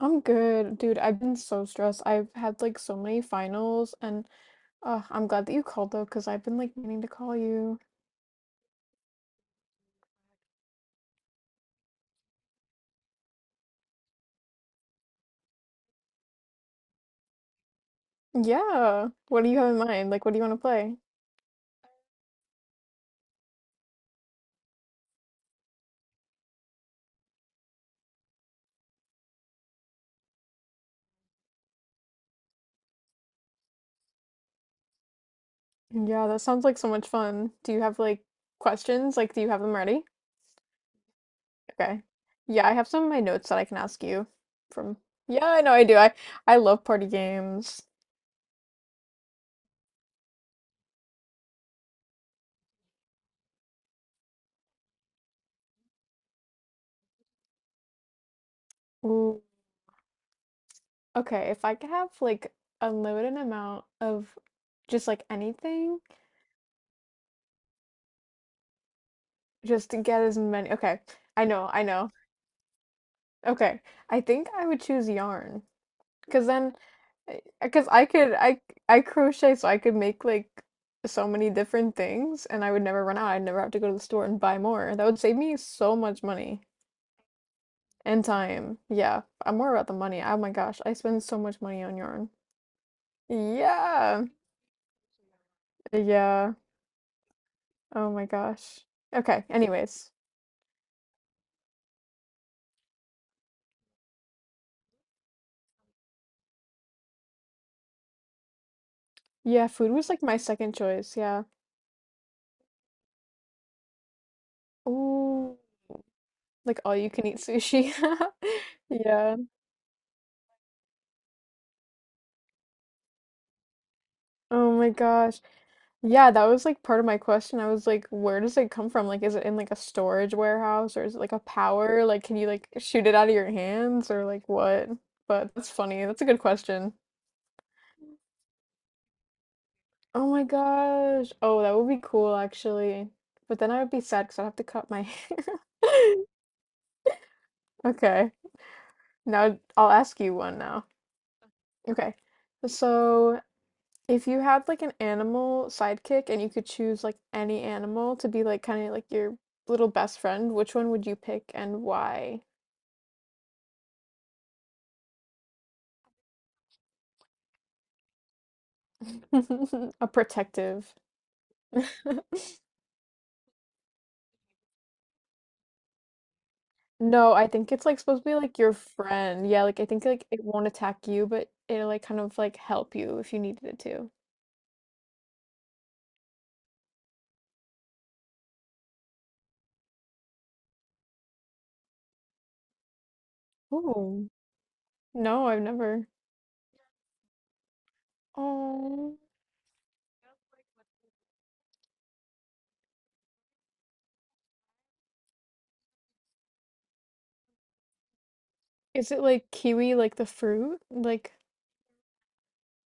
I'm good, dude. I've been so stressed. I've had like so many finals, and I'm glad that you called though, because I've been like meaning to call you. Yeah. What do you have in mind? Like, what do you want to play? Yeah, that sounds like so much fun. Do you have like questions? Like, do you have them ready? Okay. Yeah, I have some of my notes that I can ask you from. Yeah, I know I do. I love party games. Ooh. Okay, if I could have like unlimited amount of just like anything, just to get as many. Okay. I know, I know. Okay. I think I would choose yarn because then because I crochet so I could make like so many different things and I would never run out. I'd never have to go to the store and buy more. That would save me so much money and time. Yeah, I'm more about the money. Oh my gosh, I spend so much money on yarn. Yeah. Yeah. Oh my gosh. Okay, anyways. Yeah, food was like my second choice. Yeah. Ooh, like all you can eat sushi. Yeah. Oh my gosh. Yeah, that was like part of my question. I was like, where does it come from? Like, is it in like a storage warehouse or is it like a power? Like, can you like shoot it out of your hands or like what? But that's funny. That's a good question. Oh my gosh. Oh, that would be cool actually. But then I would be sad because I'd have to cut my hair. Okay. Now I'll ask you one now. Okay. So, if you had like an animal sidekick and you could choose like any animal to be like kind of like your little best friend, which one would you pick and why? A protective. No, I think it's like supposed to be like your friend. Yeah, like I think like it won't attack you, but it'll like kind of like help you if you needed it to. Oh. No, I've never. Oh. Is it like kiwi, like the fruit? Like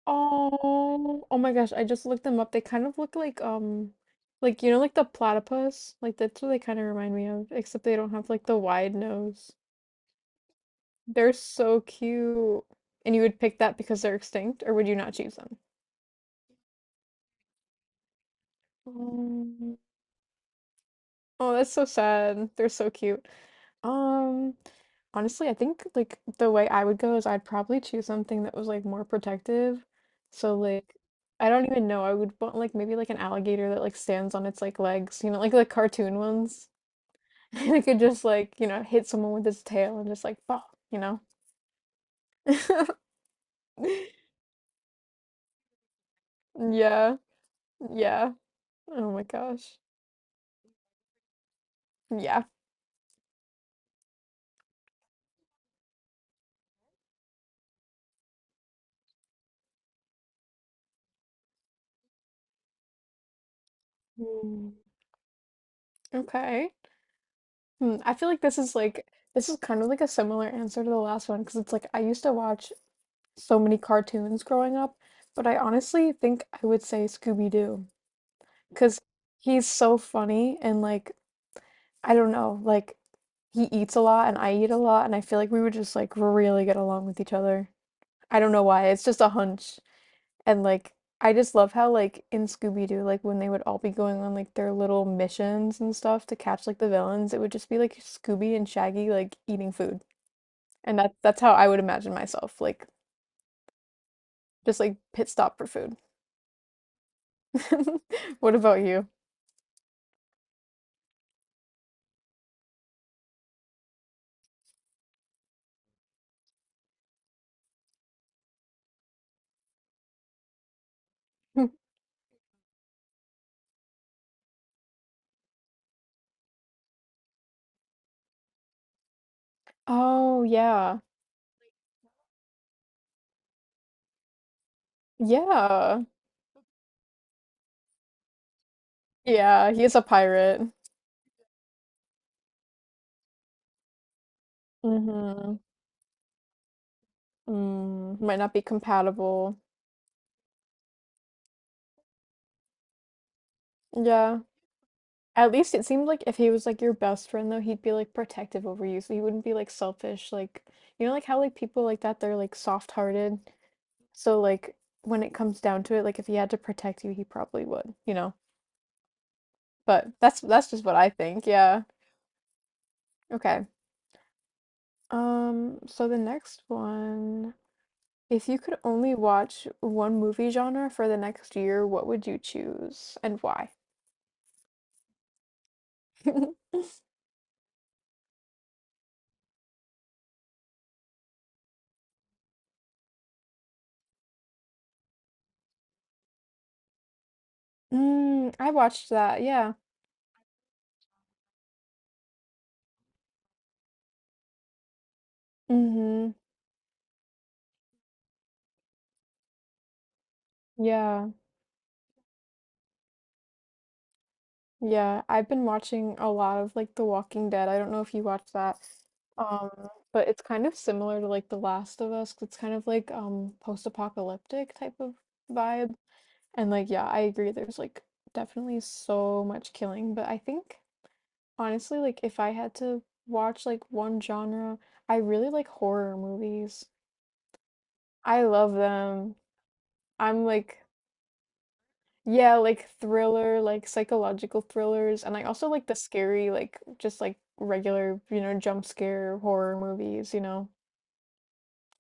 oh, oh my gosh, I just looked them up. They kind of look like you know like the platypus? Like that's what they kind of remind me of, except they don't have like the wide nose. They're so cute. And you would pick that because they're extinct, or would you not choose them? Oh, oh, that's so sad. They're so cute. Um, Honestly, I think like the way I would go is I'd probably choose something that was like more protective. So like I don't even know. I would want like maybe like an alligator that like stands on its like legs, you know, like the cartoon ones. And it could just like, you know, hit someone with its tail and just like fall, you know. Yeah. Yeah. Oh my gosh. Yeah. Hmm. Okay. Hmm. I feel like this is kind of like a similar answer to the last one because it's like I used to watch so many cartoons growing up, but I honestly think I would say Scooby-Doo because he's so funny and like I don't know, like he eats a lot and I eat a lot and I feel like we would just like really get along with each other. I don't know why, it's just a hunch. And like I just love how like in Scooby-Doo, like when they would all be going on like their little missions and stuff to catch like the villains, it would just be like Scooby and Shaggy like eating food. And that's how I would imagine myself, like just like pit stop for food. What about you? Oh, yeah. Yeah. Yeah, he's a pirate. Mm-hmm. Mm, might not be compatible. Yeah. At least it seemed like if he was like your best friend though, he'd be like protective over you, so he wouldn't be like selfish. Like you know, like how like people like that, they're like soft-hearted. So like when it comes down to it, like if he had to protect you, he probably would, you know. But that's just what I think. Yeah. Okay. So the next one. If you could only watch one movie genre for the next year, what would you choose and why? Mm, I watched that, yeah. Mhm. Yeah. Yeah, I've been watching a lot of like The Walking Dead. I don't know if you watched that. Um, but it's kind of similar to like The Last of Us. 'Cause it's kind of like post-apocalyptic type of vibe. And like yeah, I agree there's like definitely so much killing, but I think honestly, like if I had to watch like one genre, I really like horror movies. I love them. I'm like, yeah, like thriller, like psychological thrillers, and I also like the scary, like just like regular, you know, jump scare horror movies, you know.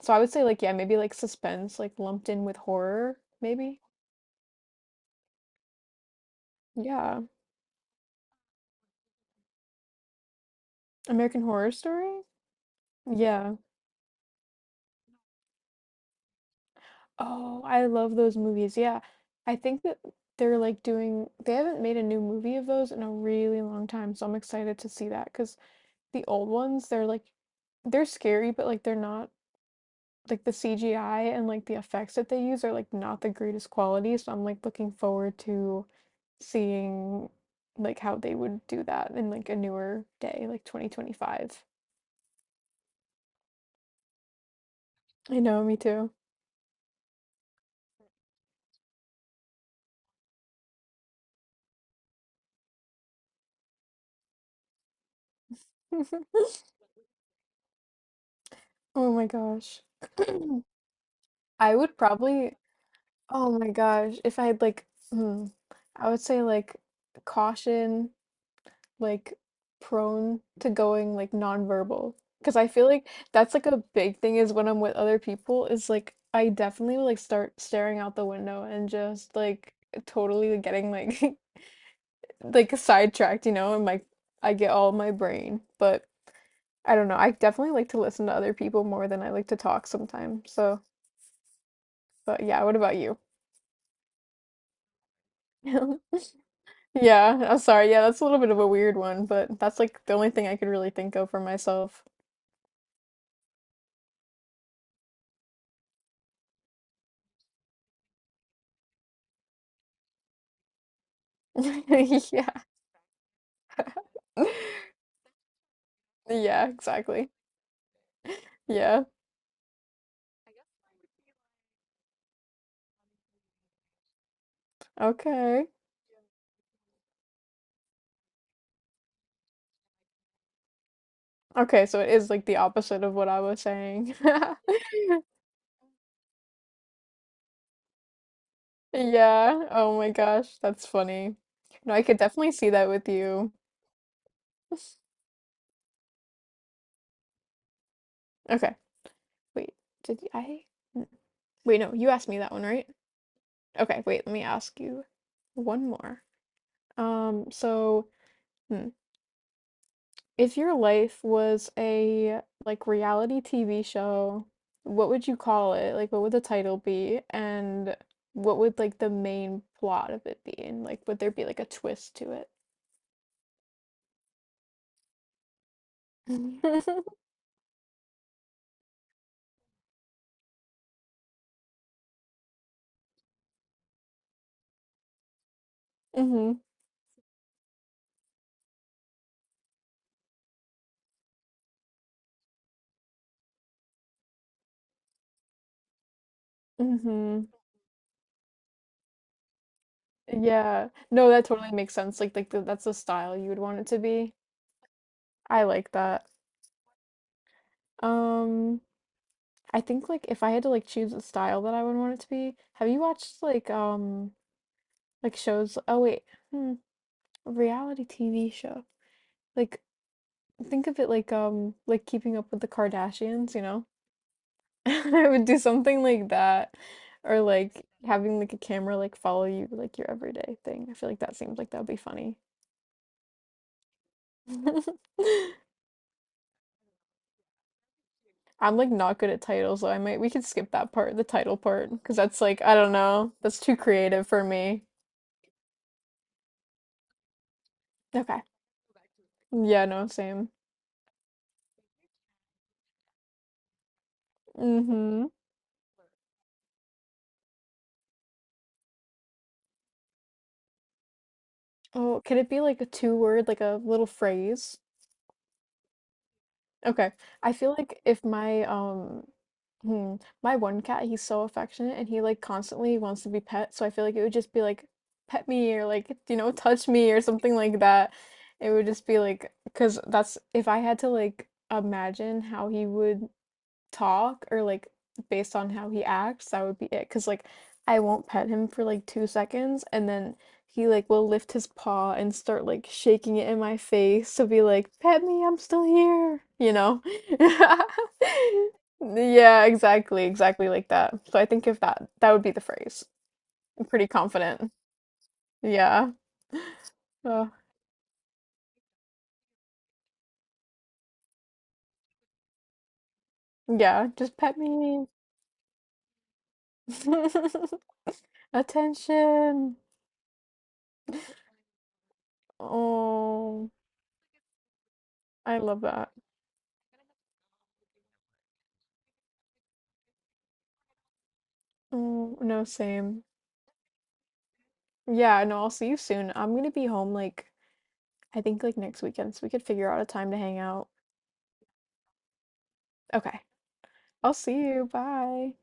So I would say like yeah, maybe like suspense, like lumped in with horror, maybe. Yeah. American Horror Story? Yeah. Oh, I love those movies. Yeah. I think that they're like doing, they haven't made a new movie of those in a really long time. So I'm excited to see that because the old ones, they're like, they're scary, but like they're not like the CGI and like the effects that they use are like not the greatest quality. So I'm like looking forward to seeing like how they would do that in like a newer day, like 2025. I know, me too. Oh my gosh. I would probably oh my gosh. If I had like, hmm, I would say like caution, like prone to going like nonverbal. Because I feel like that's like a big thing is when I'm with other people, is like I definitely would like start staring out the window and just like totally getting like like sidetracked, you know, and like I get all my brain. But I don't know. I definitely like to listen to other people more than I like to talk sometimes. So, but yeah, what about you? Yeah, I'm sorry. Yeah, that's a little bit of a weird one, but that's like the only thing I could really think of for myself. Yeah. Yeah, exactly. Yeah. Okay. Okay, so it is like the opposite of what I was saying. Yeah. Oh my gosh, that's funny. No, I could definitely see that with you. Okay. Wait. Did I? n- Wait, no, you asked me that one, right? Okay, wait, let me ask you one more. Um, so, hmm. If your life was a like reality TV show, what would you call it? Like what would the title be? And what would like the main plot of it be? And like would there be like a twist to it? Mm-hmm. Mm-hmm. Yeah. No, that totally makes sense. Like the, that's the style you would want it to be. I like that. Um I think like if I had to like choose a style that I would want it to be, have you watched like shows? Oh wait. Hmm. Reality TV show. Like, think of it like keeping up with the Kardashians, you know? I would do something like that. Or like having like a camera like follow you like your everyday thing. I feel like that seems like that would be funny. I'm like not good at titles, so I might we could skip that part, the title part, because that's like I don't know. That's too creative for me. Okay. Yeah, no, same. Mm-hmm. Oh, could it be like a two word, like a little phrase? Okay. I feel like if my hmm, my one cat, he's so affectionate and he like constantly wants to be pet, so I feel like it would just be like pet me or like you know touch me or something like that. It would just be like because that's if I had to like imagine how he would talk or like based on how he acts, that would be it. Cause like I won't pet him for like 2 seconds and then he like will lift his paw and start like shaking it in my face to be like, pet me, I'm still here, you know? Yeah, exactly, exactly like that. So I think if that would be the phrase. I'm pretty confident. Yeah. Uh, yeah, just pet me. Attention. Oh, I love that. Oh, no, same. Yeah, no, I'll see you soon. I'm gonna be home like I think like next weekend, so we could figure out a time to hang out. Okay. I'll see you. Bye.